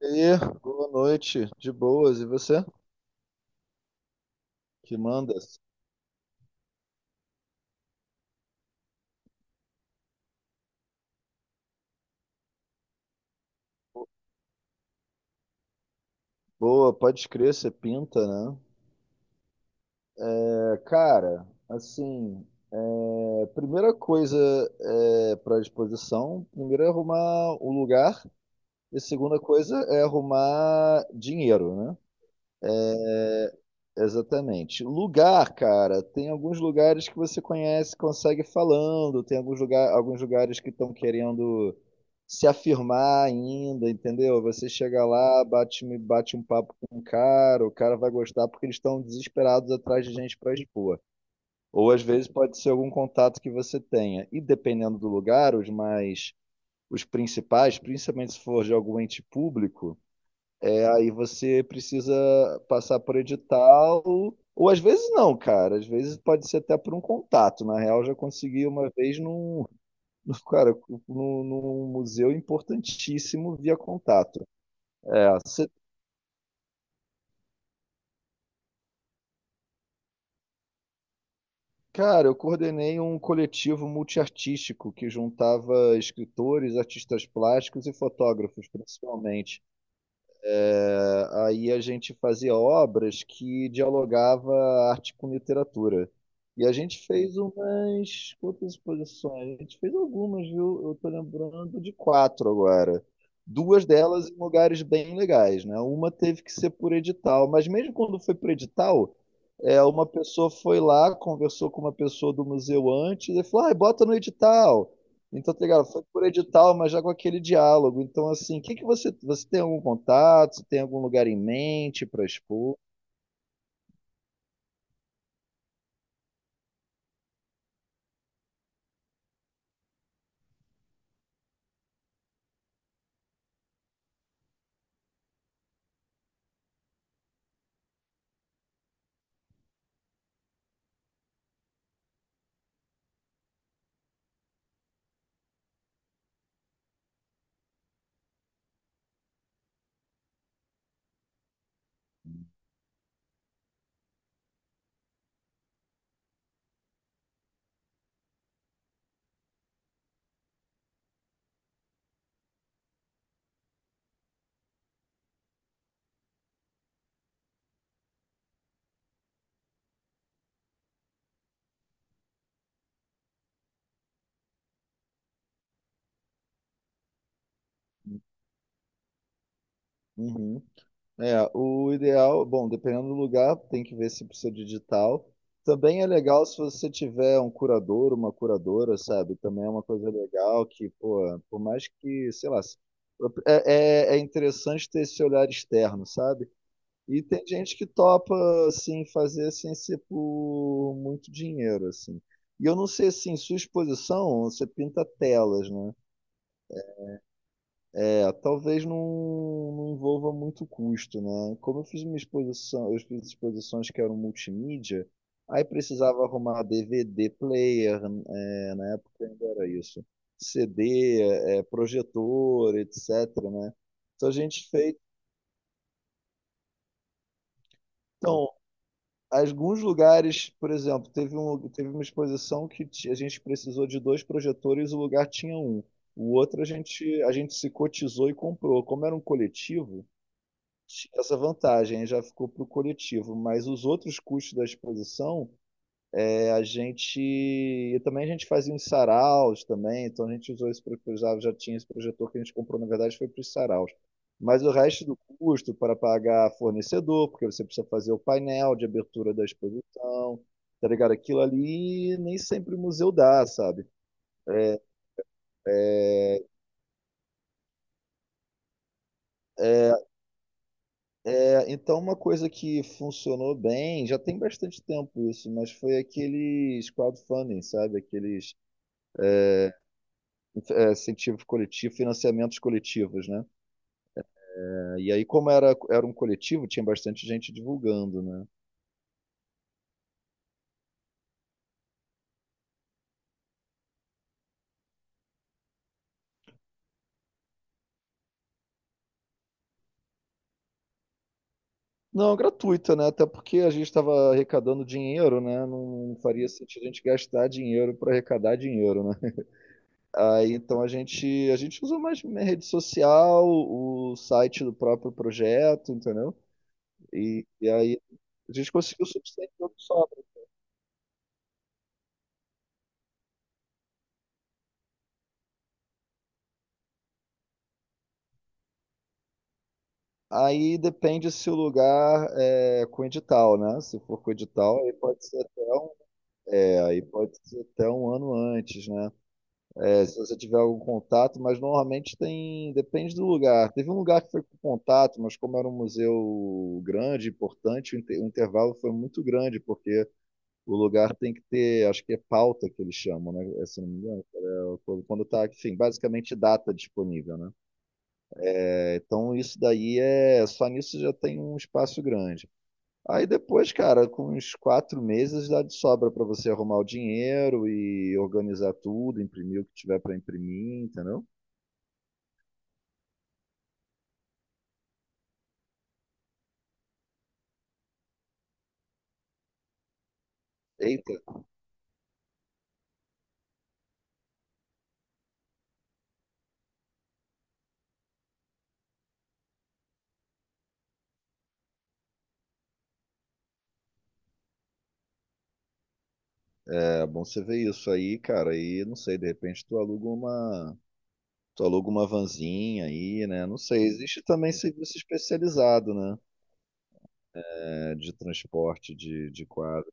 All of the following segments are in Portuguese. E aí, boa noite, de boas, e você? Que mandas? Boa, pode crer, você pinta, né? É, cara, assim, primeira coisa primeiro é arrumar o lugar, e segunda coisa é arrumar dinheiro, né? Exatamente. Lugar, cara, tem alguns lugares que você conhece, consegue falando, tem alguns, lugar, alguns lugares que estão querendo se afirmar ainda, entendeu? Você chega lá, bate um papo com o cara vai gostar porque eles estão desesperados atrás de gente para expor. Ou às vezes pode ser algum contato que você tenha. E dependendo do lugar, os principais, principalmente se for de algum ente público. Aí você precisa passar por edital, ou às vezes não, cara. Às vezes pode ser até por um contato. Na real, eu já consegui uma vez num- cara, num museu importantíssimo via contato. É, cê- cara, eu coordenei um coletivo multiartístico que juntava escritores, artistas plásticos e fotógrafos, principalmente. Ah, aí a gente fazia obras que dialogava arte com literatura. E a gente fez umas quantas exposições? A gente fez algumas, viu? Eu tô lembrando de quatro agora. Duas delas em lugares bem legais, né? Uma teve que ser por edital, mas mesmo quando foi por edital, uma pessoa foi lá, conversou com uma pessoa do museu antes e falou: ah, bota no edital. Então, tá ligado? Foi por edital, mas já com aquele diálogo. Então, assim, o que que você, você tem algum contato? Você tem algum lugar em mente para expor? Uhum. É, o ideal, bom, dependendo do lugar, tem que ver se precisa de digital. Também é legal se você tiver um curador, uma curadora, sabe? Também é uma coisa legal que, pô, por mais que, sei lá, é interessante ter esse olhar externo, sabe? E tem gente que topa, assim, fazer sem ser por muito dinheiro, assim. E eu não sei, assim, sua exposição, você pinta telas, né? Talvez não, não envolva muito custo, né? Como eu fiz uma exposição, eu fiz exposições que eram multimídia, aí precisava arrumar DVD player, é, na época ainda era isso, CD, é, projetor, etc, né? Então a gente fez... Então, alguns lugares, por exemplo, teve uma exposição a gente precisou de dois projetores, o lugar tinha um. O outro a gente se cotizou e comprou. Como era um coletivo, tinha essa vantagem, já ficou para o coletivo. Mas os outros custos da exposição é, A gente. E também a gente fazia uns saraus também, então a gente usou esse projetor, já tinha esse projetor que a gente comprou, na verdade, foi para os saraus. Mas o resto do custo para pagar fornecedor, porque você precisa fazer o painel de abertura da exposição, tá ligado? Aquilo ali nem sempre o museu dá, sabe? É, então, uma coisa que funcionou bem, já tem bastante tempo isso, mas foi aqueles crowdfunding, sabe? Aqueles incentivos coletivos, financiamentos coletivos, né? E aí, era um coletivo, tinha bastante gente divulgando, né? Não, gratuita, né? Até porque a gente estava arrecadando dinheiro, né? Não, não faria sentido a gente gastar dinheiro para arrecadar dinheiro, né? Aí, então a gente usa mais minha rede social, o site do próprio projeto, entendeu? E aí a gente conseguiu subsistir todo sobra. Aí depende se o lugar é com edital, né? Se for com edital, aí pode ser até um ano antes, né? É, se você tiver algum contato, mas normalmente tem, depende do lugar. Teve um lugar que foi com contato, mas como era um museu grande, importante, o intervalo foi muito grande, porque o lugar tem que ter, acho que é pauta que eles chamam, né? É, se não me engano, é quando tá, enfim, basicamente data disponível, né? É, então isso daí só nisso já tem um espaço grande. Aí depois, cara, com uns quatro meses dá de sobra para você arrumar o dinheiro e organizar tudo, imprimir o que tiver para imprimir, entendeu? Eita, é bom você ver isso aí, cara. E não sei, de repente tu aluga uma vanzinha aí, né? Não sei. Existe também serviço especializado, né? É, de transporte de quadro.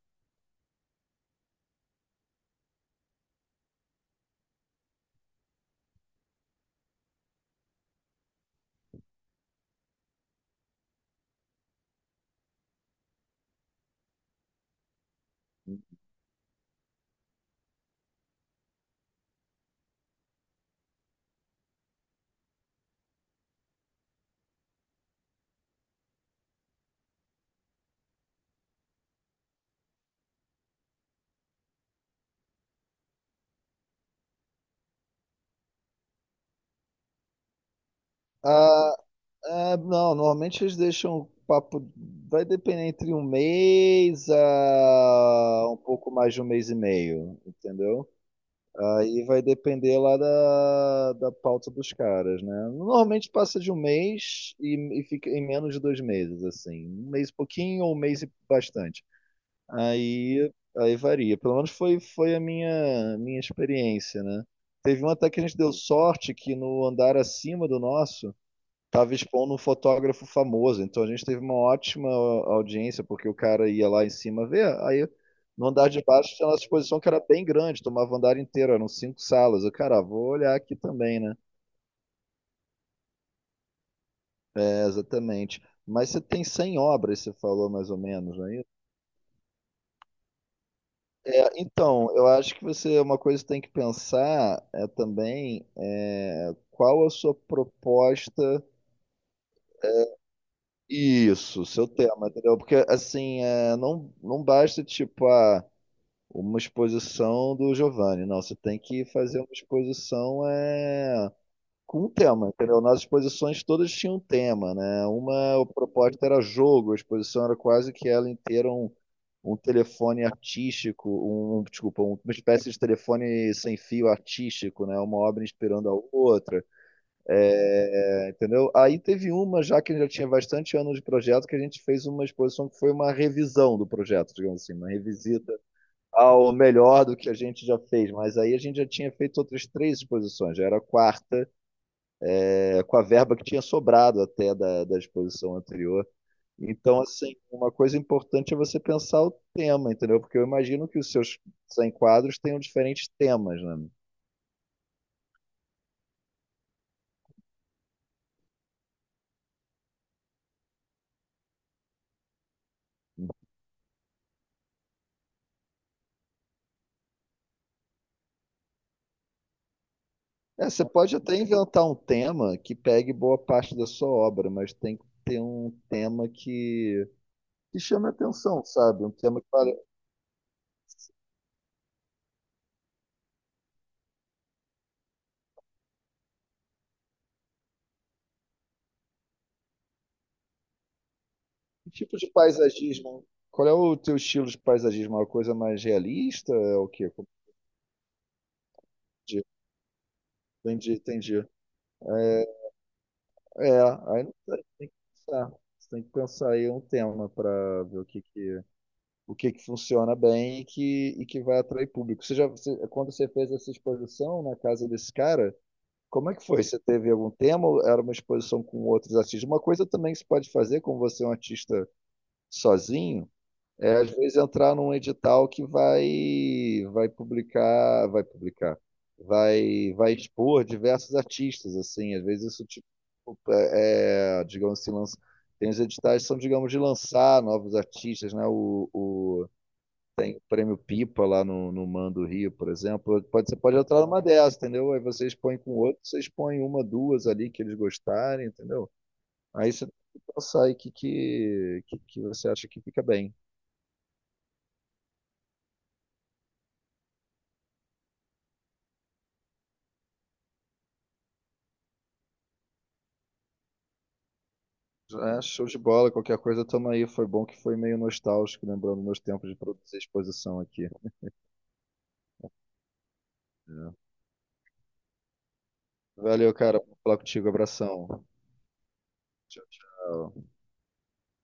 Ah, ah, não, normalmente eles deixam o papo. Vai depender entre um mês a um pouco mais de um mês e meio, entendeu? Aí vai depender lá da pauta dos caras, né? Normalmente passa de um mês e fica em menos de dois meses, assim. Um mês e pouquinho ou um mês e bastante. Aí, aí varia. Pelo menos foi minha experiência, né? Teve um até que a gente deu sorte que no andar acima do nosso tava expondo um fotógrafo famoso, então a gente teve uma ótima audiência, porque o cara ia lá em cima ver, aí no andar de baixo tinha a nossa exposição que era bem grande, tomava o andar inteiro, eram cinco salas. Eu, cara, vou olhar aqui também, né? É, exatamente. Mas você tem 100 obras, você falou mais ou menos, não é isso? Então, eu acho que você, uma coisa que tem que pensar é também qual a sua proposta, isso, seu tema, entendeu? Porque, assim, não, não basta, tipo, ah, uma exposição do Giovanni. Não, você tem que fazer uma exposição com um tema, entendeu? Nas exposições todas tinham um tema, né? A proposta era jogo, a exposição era quase que ela inteira um telefone artístico, uma espécie de telefone sem fio artístico, né? Uma obra inspirando a outra, né? Entendeu? Aí teve uma, já que já tinha bastante anos de projeto, que a gente fez uma exposição que foi uma revisão do projeto, digamos assim, uma revisita ao melhor do que a gente já fez, mas aí a gente já tinha feito outras três exposições, já era a quarta, com a verba que tinha sobrado até da exposição anterior. Então, assim, uma coisa importante é você pensar o tema, entendeu? Porque eu imagino que os seus 100 quadros tenham diferentes temas, né? É, você pode até inventar um tema que pegue boa parte da sua obra, mas tem que ter um tema que chame a atenção, sabe? Um tema que vale. Que tipo de paisagismo? Qual é o teu estilo de paisagismo? É uma coisa mais realista? É o quê? Como entendi. Entendi. É, aí não sei, tem que pensar. Você tem que pensar aí um tema para ver o que que funciona bem e que vai atrair público. Quando você fez essa exposição na casa desse cara, como é que foi? Você teve algum tema? Ou era uma exposição com outros artistas? Uma coisa também que você pode fazer, como você é um artista sozinho, é, às vezes entrar num edital que vai vai publicar, vai publicar, vai vai expor diversos artistas assim, às vezes isso tipo digamos assim, lança, tem os editais que são, digamos, de lançar novos artistas, né? Tem o Prêmio Pipa lá no Man do Rio, por exemplo. Pode, você pode entrar numa dessas, entendeu? Aí você expõe com outro, você expõe uma, duas ali que eles gostarem, entendeu? Aí você tem que pensar aí que você acha que fica bem. É, show de bola, qualquer coisa tamo aí. Foi bom que foi meio nostálgico, lembrando meus tempos de produzir exposição aqui. É. Valeu, cara, por falar contigo. Abração. Tchau, tchau.